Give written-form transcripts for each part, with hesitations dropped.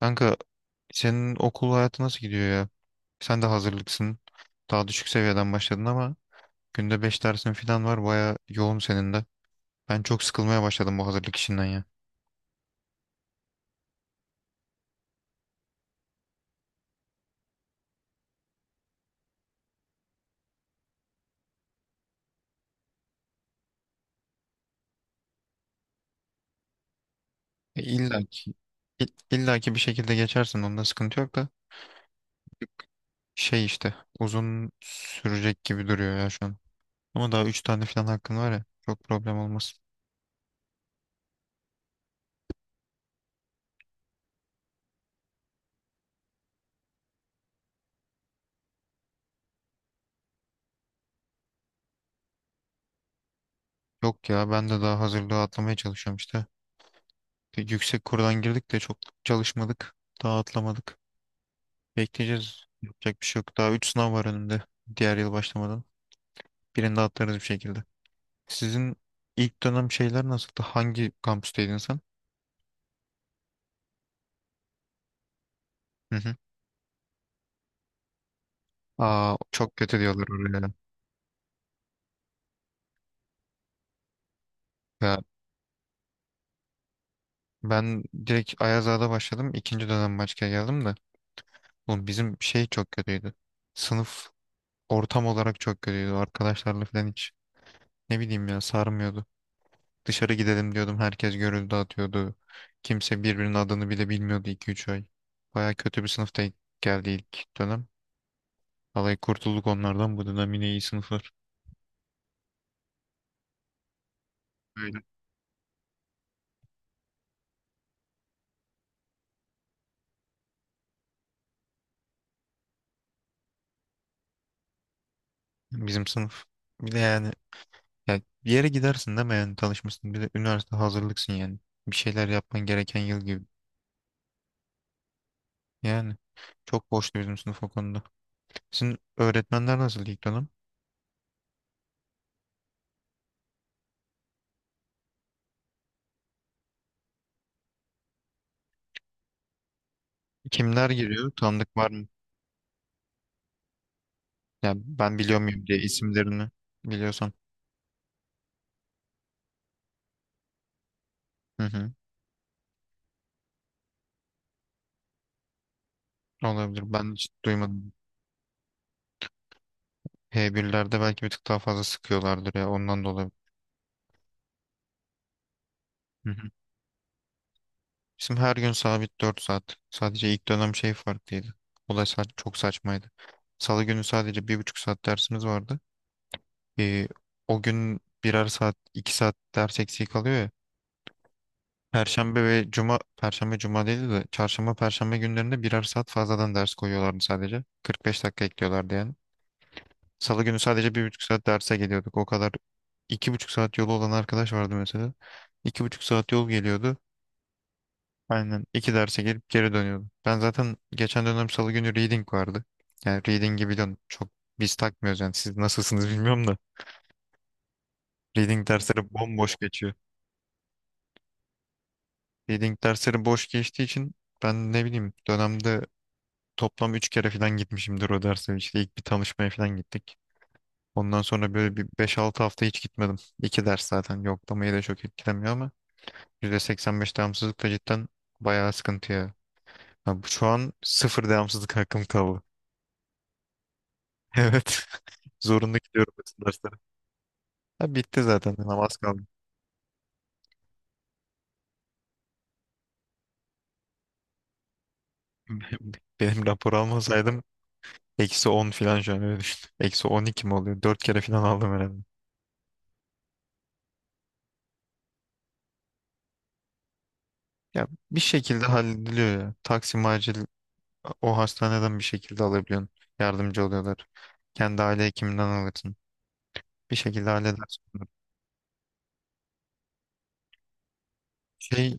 Kanka, senin okul hayatı nasıl gidiyor ya? Sen de hazırlıksın. Daha düşük seviyeden başladın ama günde 5 dersin falan var. Baya yoğun senin de. Ben çok sıkılmaya başladım bu hazırlık işinden ya. E, İlla ki, illa ki bir şekilde geçersin. Onda sıkıntı yok da. Şey işte uzun sürecek gibi duruyor ya şu an. Ama daha 3 tane falan hakkın var ya. Çok problem olmaz. Yok ya, ben de daha hazırlığı atlamaya çalışıyorum işte. Bir yüksek kurdan girdik de çok çalışmadık. Daha atlamadık. Bekleyeceğiz. Yapacak bir şey yok. Daha 3 sınav var önümde. Diğer yıl başlamadan. Birini de atlarız bir şekilde. Sizin ilk dönem şeyler nasıldı? Hangi kampüsteydin sen? Hı hı. Aa, çok kötü diyorlar oraya. Ya ben direkt Ayazağa'da başladım. İkinci dönem başka geldim de. Oğlum, bizim şey çok kötüydü. Sınıf ortam olarak çok kötüydü. Arkadaşlarla falan hiç, ne bileyim ya, sarmıyordu. Dışarı gidelim diyordum. Herkes görüldü dağıtıyordu. Kimse birbirinin adını bile bilmiyordu 2-3 ay. Baya kötü bir sınıfta geldi ilk dönem. Vallahi kurtulduk onlardan. Bu dönem yine iyi sınıflar. Öyle. Bizim sınıf. Bir de yani, ya bir yere gidersin değil mi, yani tanışmışsın. Bir de üniversite hazırlıksın yani. Bir şeyler yapman gereken yıl gibi. Yani çok boştu bizim sınıf o konuda. Sizin öğretmenler nasıl ilk dönem? Kimler giriyor? Tanıdık var mı? Ya ben biliyor muyum diye isimlerini, biliyorsan. Hı hı. Olabilir. Ben hiç duymadım. H1'lerde belki bir tık daha fazla sıkıyorlardır ya. Ondan dolayı. Hı hı. Bizim her gün sabit 4 saat. Sadece ilk dönem şey farklıydı. O da çok saçmaydı. Salı günü sadece 1,5 saat dersimiz vardı. Ee, O gün birer saat, 2 saat ders eksiği kalıyor ya. Perşembe ve cuma, perşembe cuma değildi de çarşamba perşembe günlerinde birer saat fazladan ders koyuyorlardı sadece, 45 dakika ekliyorlardı yani. Salı günü sadece bir buçuk saat derse geliyorduk. O kadar 2,5 saat yolu olan arkadaş vardı mesela. İki buçuk saat yol geliyordu. Aynen, iki derse gelip geri dönüyordu. Ben zaten geçen dönem salı günü reading vardı. Yani reading'i biliyorsun, çok biz takmıyoruz yani, siz nasılsınız bilmiyorum da. Reading dersleri bomboş geçiyor. Reading dersleri boş geçtiği için ben, ne bileyim, dönemde toplam üç kere falan gitmişimdir o derse. İşte ilk bir tanışmaya falan gittik. Ondan sonra böyle bir 5-6 hafta hiç gitmedim. İki ders zaten yoklamayı da çok etkilemiyor ama. %85 devamsızlık da cidden bayağı sıkıntı ya. Ha, şu an sıfır devamsızlık hakkım kaldı. Evet. Zorunda gidiyorum bütün derslere. Ha, bitti zaten. Namaz kaldı. Benim rapor almasaydım eksi 10 falan şu an, öyle düşün. Eksi 12 mi oluyor? 4 kere falan aldım herhalde. Ya bir şekilde hallediliyor ya. Taksim acil, o hastaneden bir şekilde alabiliyorsun. Yardımcı oluyorlar. Kendi aile hekiminden alırsın. Bir şekilde halledersin. Şey,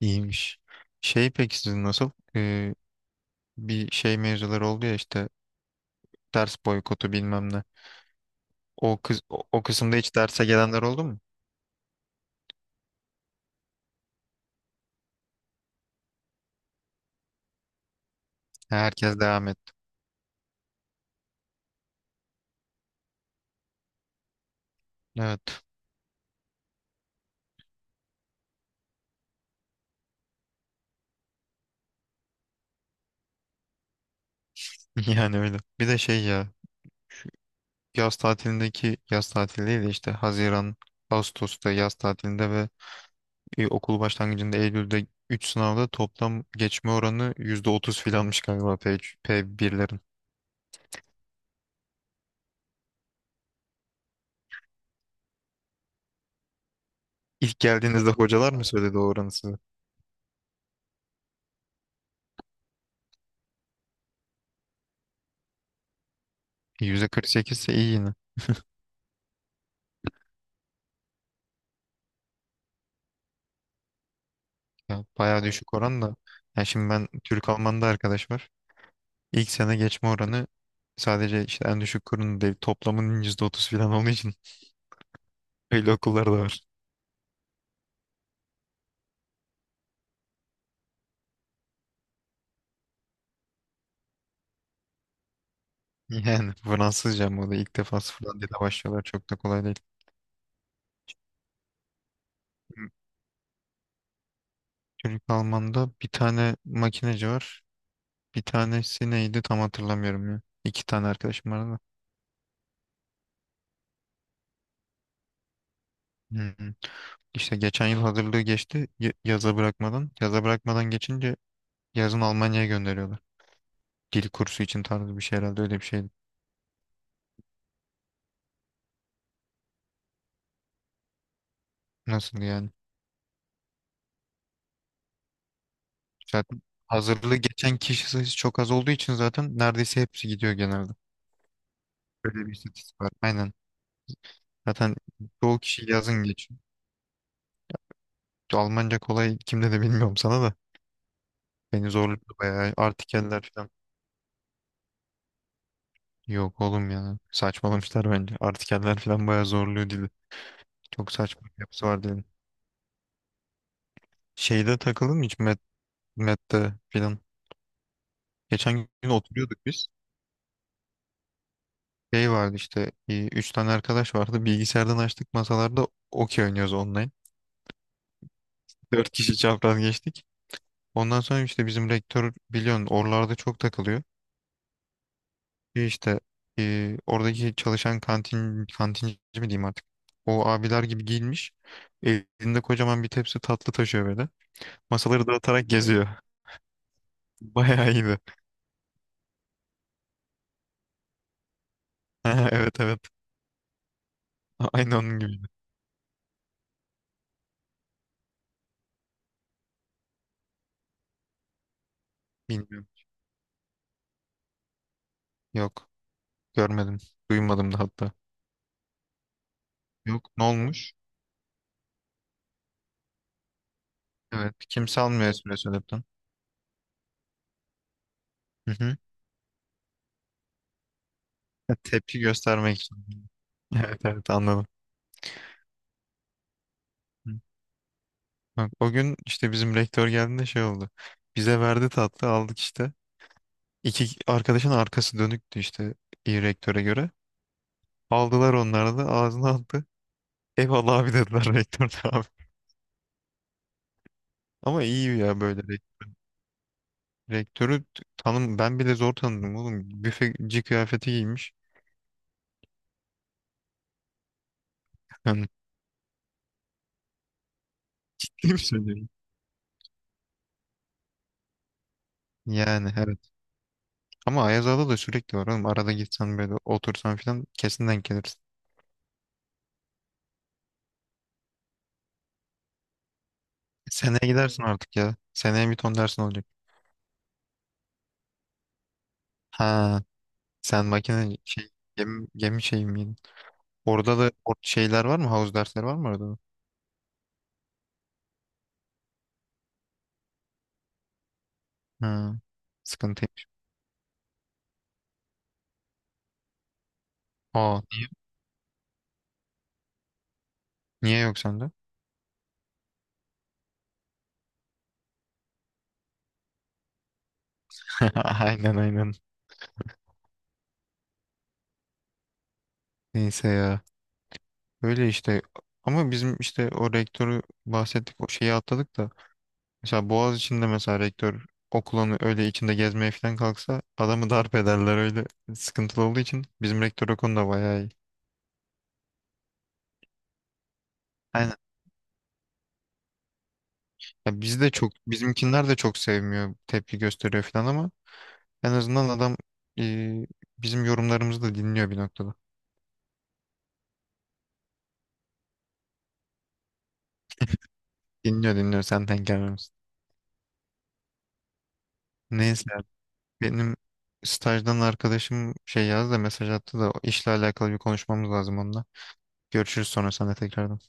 iyiymiş. Şey, peki sizin nasıl? Ee, Bir şey mevzuları oldu ya işte, ders boykotu bilmem ne. O kısımda hiç derse gelenler oldu mu? Herkes devam etti. Evet. Yani öyle. Bir de şey ya, yaz tatilindeki, yaz tatili değil de işte, Haziran, Ağustos'ta yaz tatilinde ve okul başlangıcında Eylül'de 3 sınavda toplam geçme oranı %30 filanmış galiba P3, P1'lerin. İlk geldiğinizde hocalar mı söyledi o oranı size? %48 ise iyi yine. Ya, bayağı düşük oran da. Ya şimdi, ben Türk Alman'da arkadaş var. İlk sene geçme oranı sadece işte en düşük kurun değil, toplamının %30 falan olduğu için öyle okullar da var. Yani Fransızca mı o da, ilk defa sıfırdan dile başlıyorlar, çok da kolay değil. Çocuk Alman'da bir tane makineci var. Bir tanesi neydi tam hatırlamıyorum ya. İki tane arkadaşım var da. Hı hı. İşte geçen yıl hazırlığı geçti, yaza bırakmadan. Yaza bırakmadan geçince yazın Almanya'ya gönderiyorlar. Dil kursu için tarzı bir şey herhalde, öyle bir şey. Nasıl yani? Zaten hazırlığı geçen kişi sayısı çok az olduğu için zaten neredeyse hepsi gidiyor genelde. Böyle bir istatistik var. Aynen. Zaten çoğu kişi yazın geçiyor. Almanca kolay, kimde de bilmiyorum sana da. Beni zorluyor bayağı. Artikeller falan. Yok oğlum ya. Saçmalamışlar bence. Artikeller falan bayağı zorluyor dili. Çok saçma bir yapısı var dilin. Şeyde takıldın mı hiç Met'te falan? Geçen gün oturuyorduk biz. Şey vardı işte. Üç tane arkadaş vardı. Bilgisayardan açtık, masalarda okey oynuyoruz online. Dört kişi çapraz geçtik. Ondan sonra işte bizim rektör, biliyorsun, oralarda çok takılıyor. Bir işte oradaki çalışan kantinci mi diyeyim artık. O abiler gibi giyinmiş. Elinde kocaman bir tepsi tatlı taşıyor böyle. Masaları dağıtarak geziyor. Bayağı iyiydi. Ha, evet, evet. Aynı onun gibiydi. Bilmiyorum. Yok. Görmedim. Duymadım da hatta. Yok. Ne olmuş? Evet. Kimse almıyor espresso lap'ten. Hı hı. Tepki göstermek için. Evet, evet, anladım. Bak, o gün işte bizim rektör geldiğinde şey oldu. Bize verdi, tatlı aldık işte. İki arkadaşın arkası dönüktü işte, iyi rektöre göre. Aldılar, onları da ağzına attı. Eyvallah abi dediler, rektör de abi. Ama iyi ya böyle rektörü, tanım, ben bile zor tanıdım oğlum. Büfeci kıyafeti giymiş. Yani, kim söylüyor? Yani evet. Ama Ayaz Ağa'da da sürekli var oğlum. Arada gitsen böyle, otursan falan kesin denk gelirsin. Seneye gidersin artık ya. Seneye bir ton dersin olacak. Ha, sen makine, şey, gemi şey miydin? Orada da, şeyler var mı? Havuz dersleri var mı orada da? Ha, sıkıntıymış. Aa, niye yok sende? Aynen, aynen. Neyse ya. Öyle işte. Ama bizim işte, o rektörü bahsettik, o şeyi atladık da. Mesela Boğaz içinde mesela rektör okulun öyle içinde gezmeye falan kalksa adamı darp ederler, öyle sıkıntılı olduğu için. Bizim rektör o konuda bayağı iyi. Aynen. Ya biz de çok, bizimkinler de çok sevmiyor, tepki gösteriyor falan, ama en azından adam e, bizim yorumlarımızı da dinliyor bir noktada. Dinliyor, dinliyor, senden gelmemiz. Neyse, benim stajdan arkadaşım şey yazdı da, mesaj attı da, o işle alakalı bir konuşmamız lazım onunla. Görüşürüz sonra sana tekrardan.